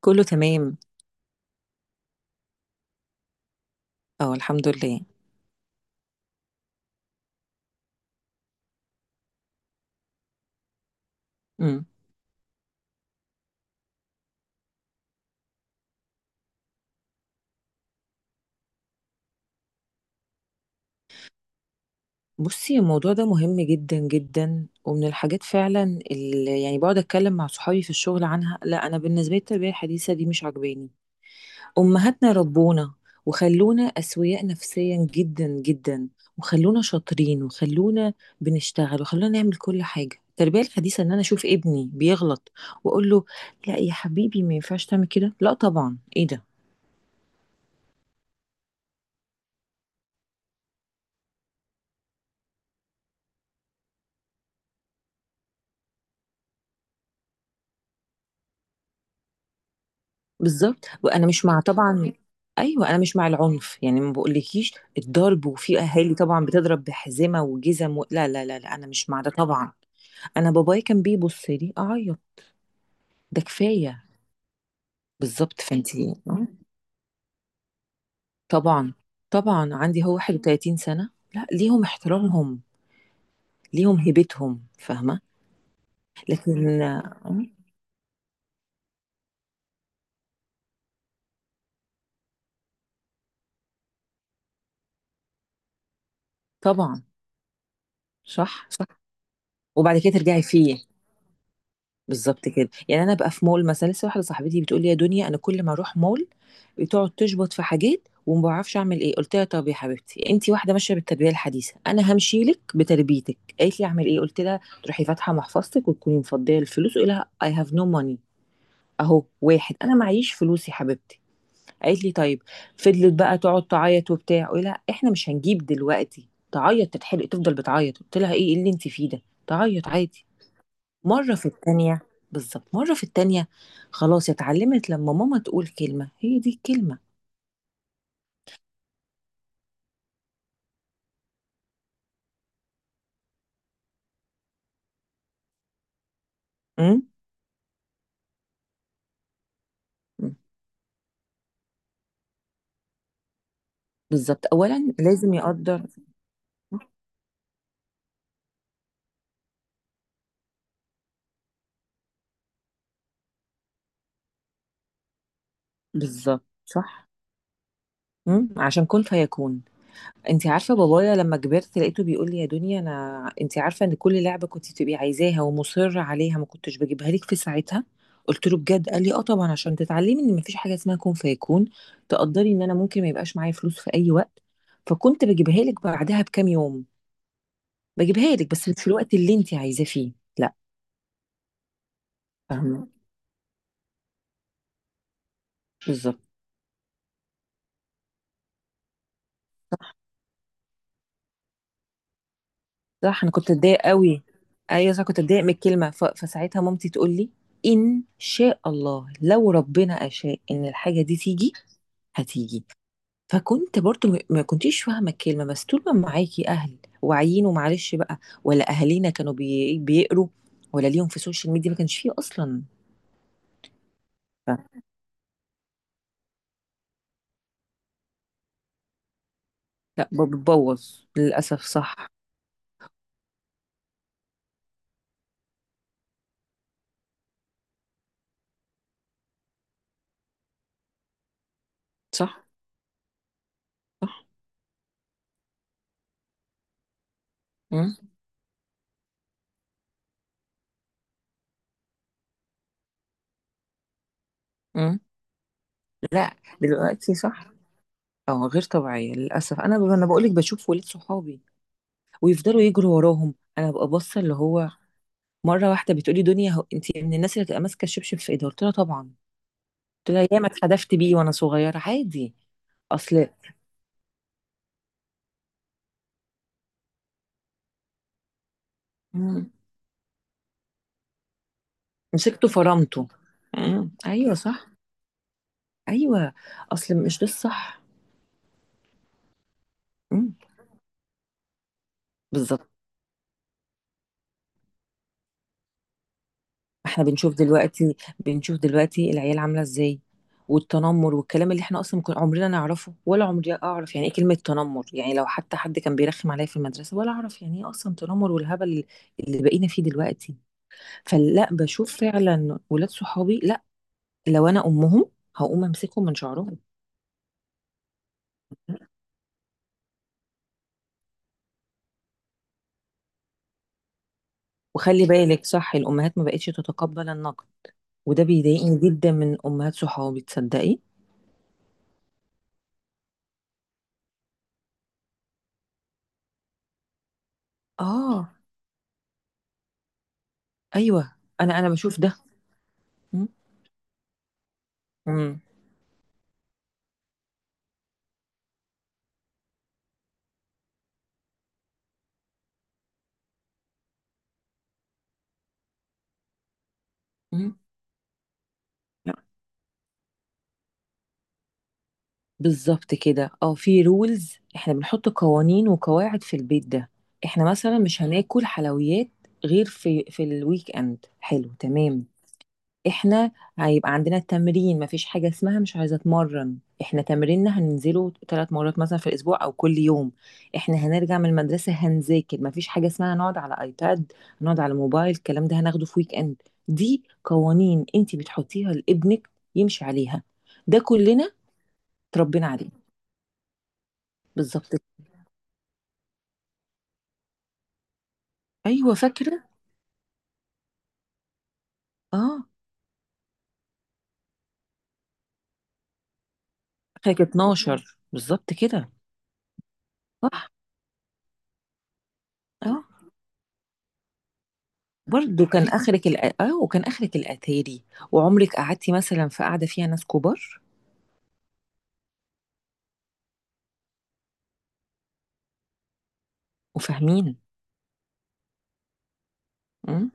كله تمام. اه، الحمد لله. امم. بصي، الموضوع ده مهم جدا جدا، ومن الحاجات فعلا اللي يعني بقعد اتكلم مع صحابي في الشغل عنها. لا، انا بالنسبه لي التربيه الحديثه دي مش عجباني. امهاتنا ربونا، وخلونا اسوياء نفسيا جدا جدا، وخلونا شاطرين، وخلونا بنشتغل، وخلونا نعمل كل حاجه. التربيه الحديثه ان انا اشوف ابني بيغلط واقول له لا يا حبيبي ما ينفعش تعمل كده، لا طبعا ايه ده. بالظبط. وانا مش مع طبعا. ايوه انا مش مع العنف يعني، ما بقولكيش الضرب، وفي اهالي طبعا بتضرب بحزمه وجزم و... لا لا لا لا انا مش مع ده طبعا. انا باباي كان بيبص لي اعيط، ده كفايه. بالظبط. فانتي طبعا طبعا. عندي هو 31 سنه، لا ليهم احترامهم، ليهم هيبتهم فاهمه. لكن طبعا. صح صح. وبعد كده ترجعي فيه. بالظبط كده يعني. انا بقى في مول مثلا، لسه واحده صاحبتي بتقول لي يا دنيا انا كل ما اروح مول بتقعد تشبط في حاجات وما بعرفش اعمل ايه. قلت لها طب يا حبيبتي انت واحده ماشيه بالتربيه الحديثه، انا همشي لك بتربيتك. قالت لي اعمل ايه. قلت لها تروحي فاتحه محفظتك وتكوني مفضيه الفلوس وقولي لها اي هاف نو ماني. اهو، واحد انا معيش فلوس يا حبيبتي. قالت لي طيب. فضلت بقى تقعد تعيط وبتاع. قولي لها احنا مش هنجيب دلوقتي. تعيط، تتحرق، تفضل بتعيط. قلت لها ايه اللي انت فيه ده، تعيط عادي. مرة في التانية، بالظبط مرة في التانية، خلاص اتعلمت لما ماما تقول كلمة هي دي الكلمة. أم؟ أم. بالظبط، أولا لازم يقدر. بالظبط صح. أم؟ عشان كن فيكون. انت عارفة بابايا لما كبرت لقيته بيقول لي يا دنيا أنا، انت عارفة إن كل لعبة كنت تبقي عايزاها ومصرة عليها ما كنتش بجيبها لك في ساعتها. قلت له بجد؟ قال لي اه طبعا، عشان تتعلمي ان مفيش حاجه اسمها كن فيكون، تقدري ان انا ممكن ما يبقاش معايا فلوس في اي وقت، فكنت بجيبها لك بعدها بكام يوم. بجيبها لك بس مش في الوقت اللي انت عايزاه فيه. لا. فاهمه. بالظبط صح. انا كنت اتضايق قوي. ايوه صح، كنت اتضايق من الكلمه فساعتها مامتي تقول لي ان شاء الله لو ربنا اشاء ان الحاجه دي تيجي هتيجي. فكنت برضو ما كنتيش فاهمه الكلمه، بس طول ما معاكي اهل واعيين ومعلش بقى. ولا اهالينا كانوا بيقروا ولا ليهم في السوشيال ميديا، ما كانش فيه اصلا. ف... لا بتبوظ للاسف. صح. صح صح. امم. لا دلوقتي. صح. اه غير طبيعية للأسف. أنا أنا بقولك بشوف ولاد صحابي ويفضلوا يجروا وراهم، أنا ببقى باصة اللي هو. مرة واحدة بتقولي دنيا هو أنت من الناس اللي تبقى ماسكة الشبشب في إيدها، قلت لها طبعا. قلت لها ياما اتحدفت بيه وأنا صغيرة عادي. أصل. مم. مسكته فرمته. مم. أيوه صح. أيوه. أصل مش ده الصح. مم. بالظبط. احنا بنشوف دلوقتي، بنشوف دلوقتي العيال عامله ازاي، والتنمر والكلام اللي احنا اصلا كنا عمرنا نعرفه. ولا عمري اعرف يعني ايه كلمه تنمر. يعني لو حتى حد كان بيرخم عليا في المدرسه، ولا اعرف يعني ايه اصلا تنمر والهبل اللي بقينا فيه دلوقتي. فلا، بشوف فعلا ولاد صحابي، لا لو انا امهم هقوم امسكهم من شعرهم. وخلي بالك صح، الامهات ما بقتش تتقبل النقد، وده بيضايقني جدا من امهات صحابي تصدقي. اه. ايوه انا بشوف ده. م- م- م. بالظبط كده. اه في رولز، احنا بنحط قوانين وقواعد في البيت ده. احنا مثلا مش هناكل حلويات غير في الويك اند. حلو تمام. احنا هيبقى عندنا تمرين، مفيش حاجة اسمها مش عايزة اتمرن. احنا تمريننا هننزله 3 مرات مثلا في الاسبوع او كل يوم. احنا هنرجع من المدرسة هنذاكر، مفيش حاجة اسمها نقعد على ايباد، نقعد على موبايل، الكلام ده هناخده في ويك اند. دي قوانين انت بتحطيها لابنك يمشي عليها. ده كلنا تربينا عليه. بالظبط. ايوه فاكره اه، كانت 12 بالظبط كده. صح. اه برضه كان اخرك الأ... اه آه، وكان اخرك الاتاري، وعمرك قعدتي مثلا في قعده فيها ناس كبار. وفاهمين. امم.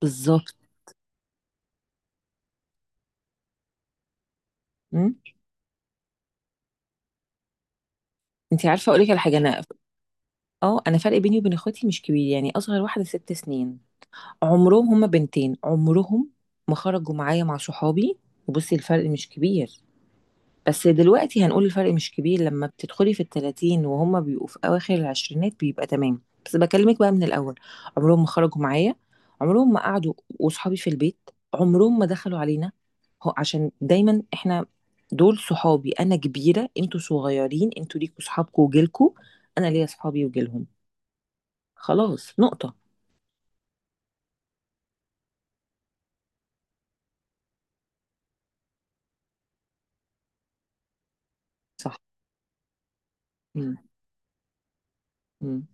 بالظبط. امم. انت عارفه اقول لك على حاجه، انا اه انا فرق بيني وبين اخواتي مش كبير يعني، اصغر واحده 6 سنين. عمرهم هما بنتين، عمرهم ما خرجوا معايا مع صحابي. وبصي الفرق مش كبير، بس دلوقتي هنقول الفرق مش كبير لما بتدخلي في التلاتين وهما بيبقوا في أواخر العشرينات بيبقى تمام، بس بكلمك بقى من الأول. عمرهم ما خرجوا معايا، عمرهم ما قعدوا، وصحابي في البيت عمرهم ما دخلوا علينا. هو عشان دايما احنا، دول صحابي أنا كبيرة، انتوا صغيرين، انتوا ليكوا صحابكوا وجيلكوا، أنا ليا صحابي وجيلهم. خلاص نقطة. صح. مم. مم.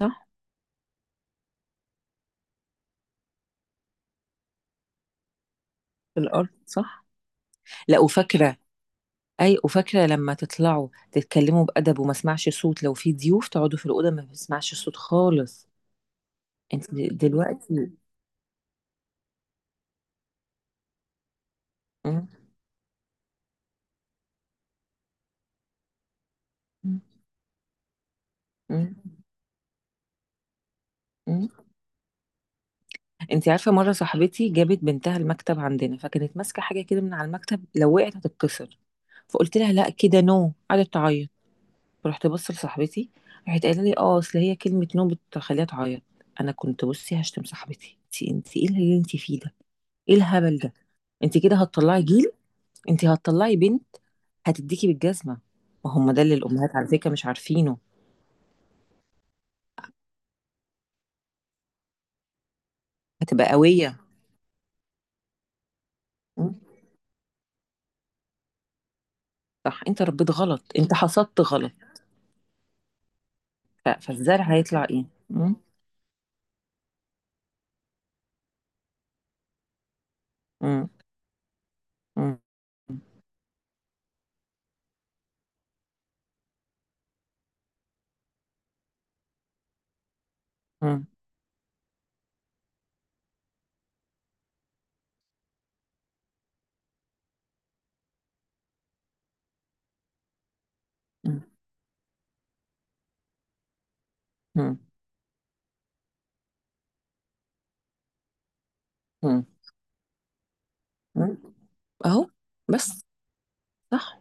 صح في الأرض صح. لا وفاكرة. اي، وفاكره لما تطلعوا تتكلموا بادب وما اسمعش صوت، لو في ضيوف تقعدوا في الاوضه ما بسمعش صوت خالص. انت دلوقتي. مم. مم. مم. انت عارفه مره صاحبتي جابت بنتها المكتب عندنا، فكانت ماسكه حاجه كده من على المكتب لو وقعت هتتكسر، فقلت لها لا كده نو. قعدت تعيط. رحت بص لصاحبتي، راحت قايله لي اه اصل هي كلمه نو بتخليها تعيط. انا كنت بصي هشتم صاحبتي، انت ايه اللي انت فيه ده، ايه الهبل ده. انت كده هتطلعي جيل، انتي هتطلعي بنت هتديكي بالجزمة. ما هم ده اللي الأمهات على فكرة مش عارفينه. هتبقى قوية. مم. صح انت ربيت غلط، انت حصدت غلط. فالزرع هيطلع ايه. مم. مم. مم. مم. مم. مم. مم. مم. اهو. بس. صح.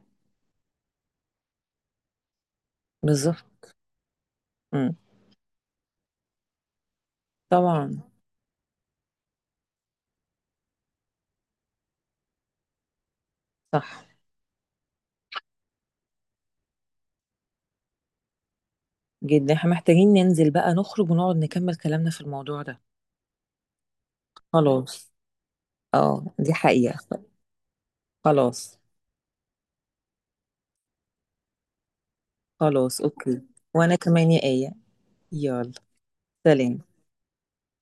بالظبط. مم. طبعا. صح جدا. احنا محتاجين ننزل بقى نخرج ونقعد نكمل كلامنا في الموضوع ده. خلاص. اه دي حقيقة. خلاص. خلاص اوكي. وانا كمان يا آية. يلا. سليم.